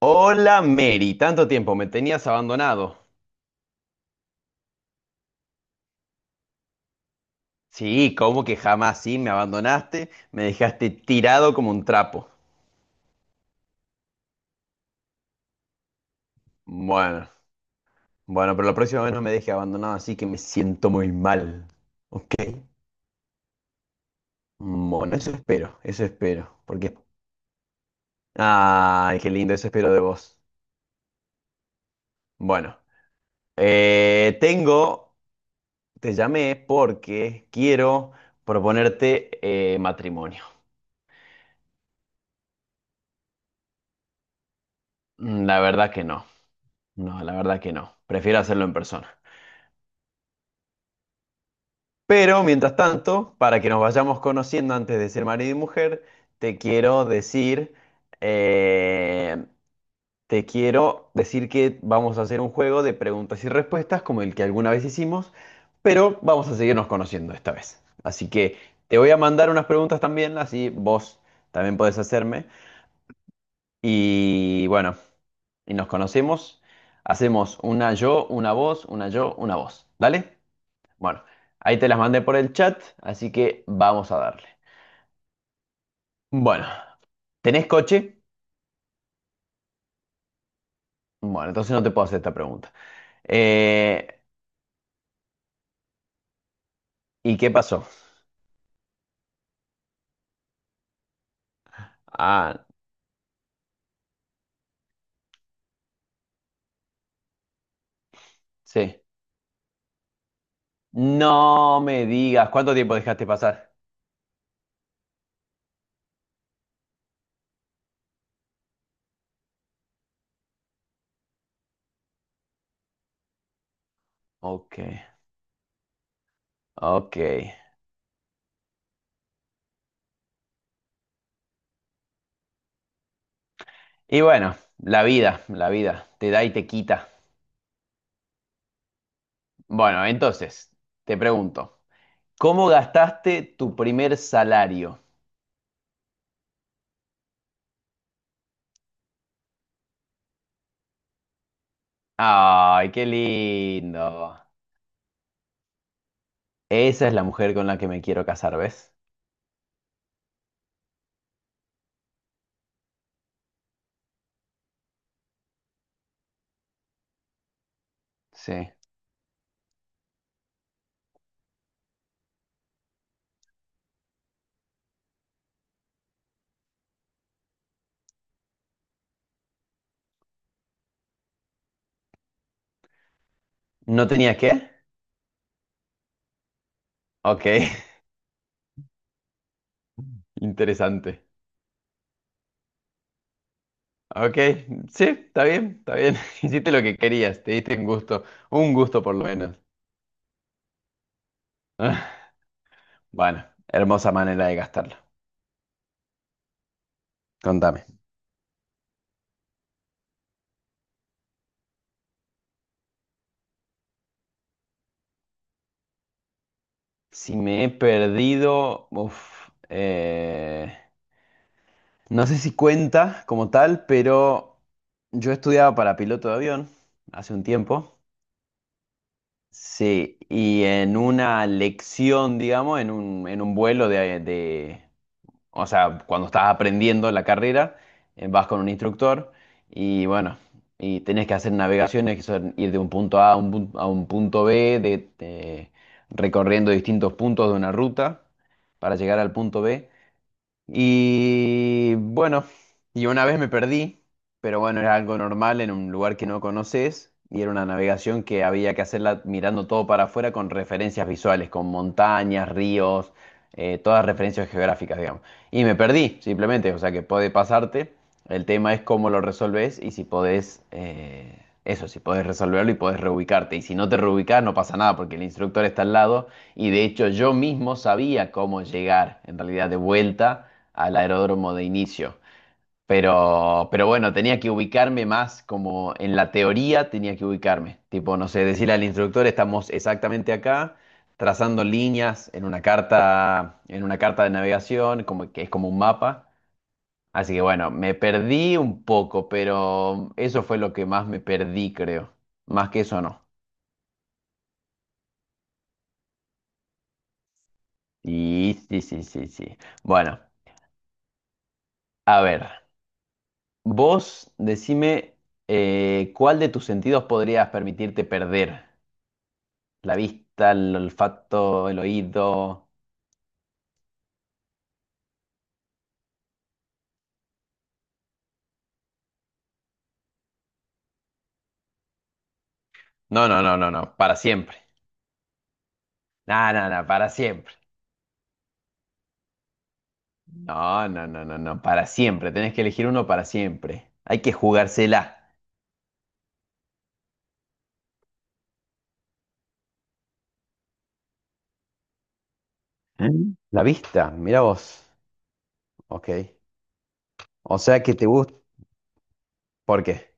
Hola Mary, tanto tiempo, me tenías abandonado. Sí, ¿cómo que jamás sí me abandonaste? Me dejaste tirado como un trapo. Bueno, bueno, pero la próxima vez no me dejes abandonado, así que me siento muy mal. ¿Ok? Bueno, eso espero, eso espero. Porque... Ay, qué lindo, eso espero de vos. Bueno, eh, tengo, te llamé porque quiero proponerte matrimonio. Mm, la verdad que no, no, la verdad que no. Prefiero hacerlo en persona. Pero mientras tanto, para que nos vayamos conociendo antes de ser marido y mujer, te quiero decir, eh, te quiero decir que vamos a hacer un juego de preguntas y respuestas como el que alguna vez hicimos, pero vamos a seguirnos conociendo esta vez. Así que te voy a mandar unas preguntas también, así vos también podés hacerme. Y bueno, y nos conocemos. Hacemos una yo, una vos, una yo, una vos. ¿Dale? Bueno, ahí te las mandé por el chat, así que vamos a darle. Bueno, ¿tenés coche? Bueno, entonces no te puedo hacer esta pregunta. Eh, ¿Y qué pasó? Ah, sí. No me digas, ¿cuánto tiempo dejaste pasar? Ok, ok. Y bueno, la vida, te da y te quita. Bueno, entonces, te pregunto, ¿cómo gastaste tu primer salario? Ay, qué lindo. Esa es la mujer con la que me quiero casar, ¿ves? Sí. ¿No tenía qué? Ok, interesante. Ok, sí, está bien, está bien. Hiciste lo que querías, te diste un gusto por lo menos. Ah, bueno, hermosa manera de gastarlo. Contame. Si me he perdido, uf, no sé si cuenta como tal, pero yo estudiaba para piloto de avión hace un tiempo. Sí, y en una lección, digamos, en un vuelo o sea, cuando estás aprendiendo la carrera, vas con un instructor y bueno, y tenés que hacer navegaciones, que son ir de un punto A a a un punto B, recorriendo distintos puntos de una ruta para llegar al punto B. Y bueno, y una vez me perdí, pero bueno, era algo normal en un lugar que no conoces y era una navegación que había que hacerla mirando todo para afuera con referencias visuales, con montañas, ríos, todas referencias geográficas, digamos. Y me perdí, simplemente, o sea que puede pasarte. El tema es cómo lo resolves y si podés, eso, si podés resolverlo y podés reubicarte. Y si no te reubicás, no pasa nada porque el instructor está al lado y de hecho yo mismo sabía cómo llegar en realidad de vuelta al aeródromo de inicio. Pero bueno, tenía que ubicarme más como en la teoría tenía que ubicarme. Tipo, no sé, decirle al instructor, estamos exactamente acá, trazando líneas en una carta de navegación, como que es como un mapa. Así que bueno, me perdí un poco, pero eso fue lo que más me perdí, creo. Más que eso no. Y sí, sí, sí, sí. Bueno, a ver. Vos decime cuál de tus sentidos podrías permitirte perder. La vista, el olfato, el oído. No, no, no, no, no, para siempre. No, no, no, para siempre. No, no, no, no, no, para siempre. Tenés que elegir uno para siempre. Hay que jugársela. Mm. La vista, mira vos. Ok. O sea que te gusta. ¿Por qué?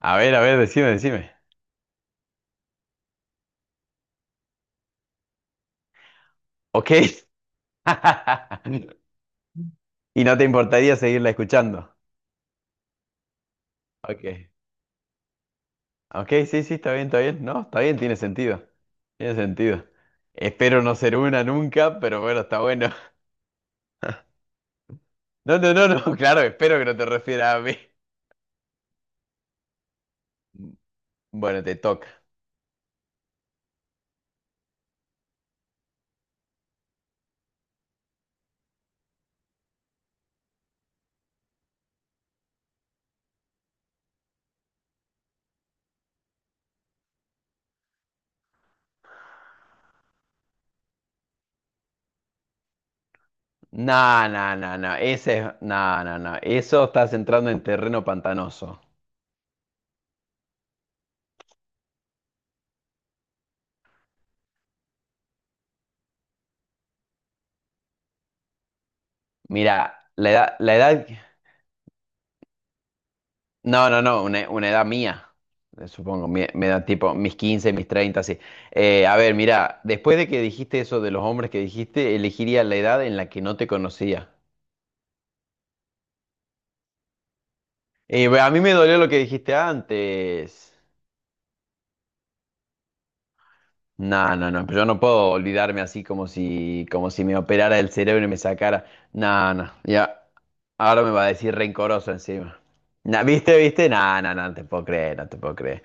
A ver, decime, decime. Ok. Y no te importaría seguirla escuchando. Ok. Ok, sí, sí, está bien, está bien. No, está bien, tiene sentido. Tiene sentido. Espero no ser una nunca, pero bueno, está bueno. No, no, no, no, claro, espero que no te refieras a mí. Bueno, te toca. No, no, no, no, ese es... No, no, no, eso estás entrando en terreno pantanoso. Mira, No, no, no, una edad mía, supongo, me da tipo mis 15, mis 30, así. A ver, mira, después de que dijiste eso de los hombres que dijiste, elegiría la edad en la que no te conocía. A mí me dolió lo que dijiste antes. No, no, no, pero yo no puedo olvidarme así como si me operara el cerebro y me sacara. No, no, ya. Ahora me va a decir rencoroso encima. Nah, ¿viste, viste? No, no, no, no te puedo creer, no te puedo creer.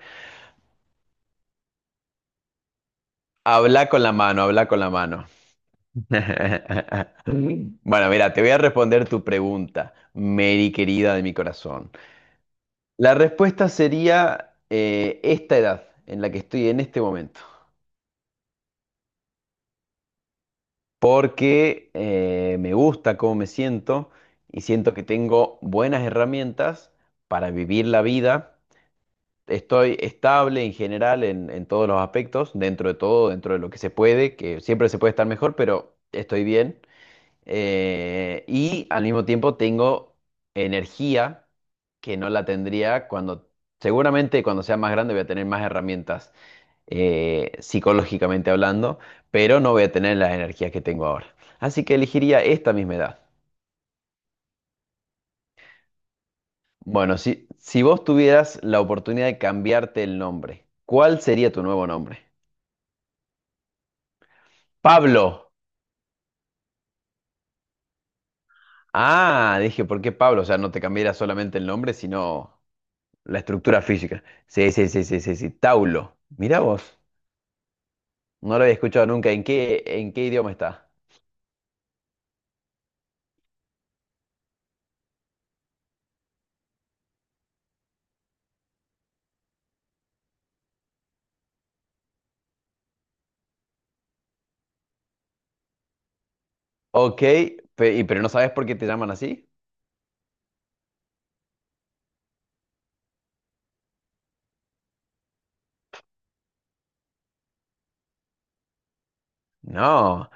Habla con la mano, habla con la mano. Bueno, mira, te voy a responder tu pregunta, Mary querida de mi corazón. La respuesta sería esta edad en la que estoy en este momento. Porque me gusta cómo me siento y siento que tengo buenas herramientas para vivir la vida. Estoy estable en general en todos los aspectos, dentro de todo, dentro de lo que se puede, que siempre se puede estar mejor, pero estoy bien. Y al mismo tiempo tengo energía que no la tendría cuando, seguramente cuando sea más grande voy a tener más herramientas psicológicamente hablando, pero no voy a tener las energías que tengo ahora. Así que elegiría esta misma edad. Bueno, si vos tuvieras la oportunidad de cambiarte el nombre, ¿cuál sería tu nuevo nombre? Pablo. Ah, dije, ¿por qué Pablo? O sea, no te cambiaría solamente el nombre, sino la estructura física. Sí, sí, sí, sí, sí, sí. Taulo. Mirá vos. No lo había escuchado nunca. ¿En qué idioma está? Ok, pero ¿no sabes por qué te llaman así? No.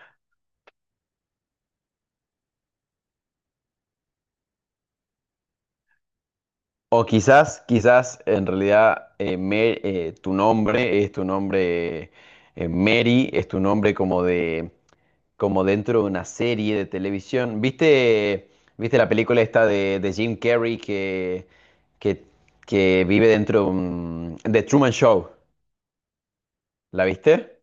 O quizás, quizás en realidad tu nombre es tu nombre Mary, es tu nombre como de como dentro de una serie de televisión. ¿Viste, viste la película esta de Jim Carrey que, que vive dentro de Truman Show? ¿La viste?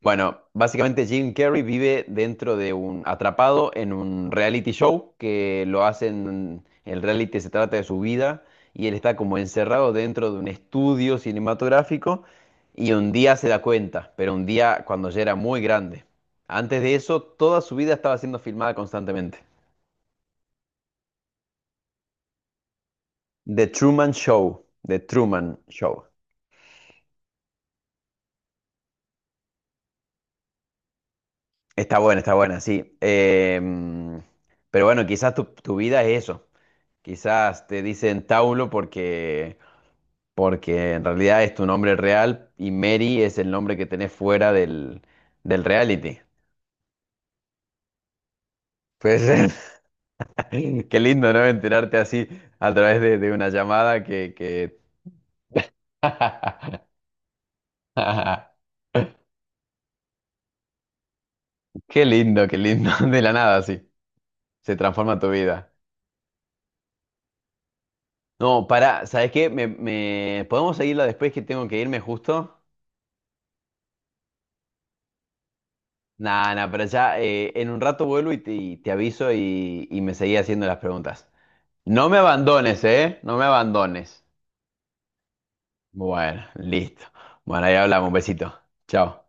Bueno, básicamente Jim Carrey vive dentro de un, atrapado en un reality show que lo hacen, el reality se trata de su vida y él está como encerrado dentro de un estudio cinematográfico y un día se da cuenta, pero un día cuando ya era muy grande. Antes de eso, toda su vida estaba siendo filmada constantemente. The Truman Show, The Truman Show. Está buena, sí. Pero bueno, quizás tu vida es eso. Quizás te dicen Taulo porque en realidad es tu nombre real y Mary es el nombre que tenés fuera del reality. Pues qué lindo, ¿no? Enterarte así a través de una llamada que... Qué lindo, qué lindo. De la nada, sí. Se transforma tu vida. No, pará, ¿sabes qué? ¿Podemos seguirla después que tengo que irme justo? Nada, nada, pero ya en un rato vuelvo y te aviso y me seguí haciendo las preguntas. No me abandones, ¿eh? No me abandones. Bueno, listo. Bueno, ahí hablamos. Un besito. Chao.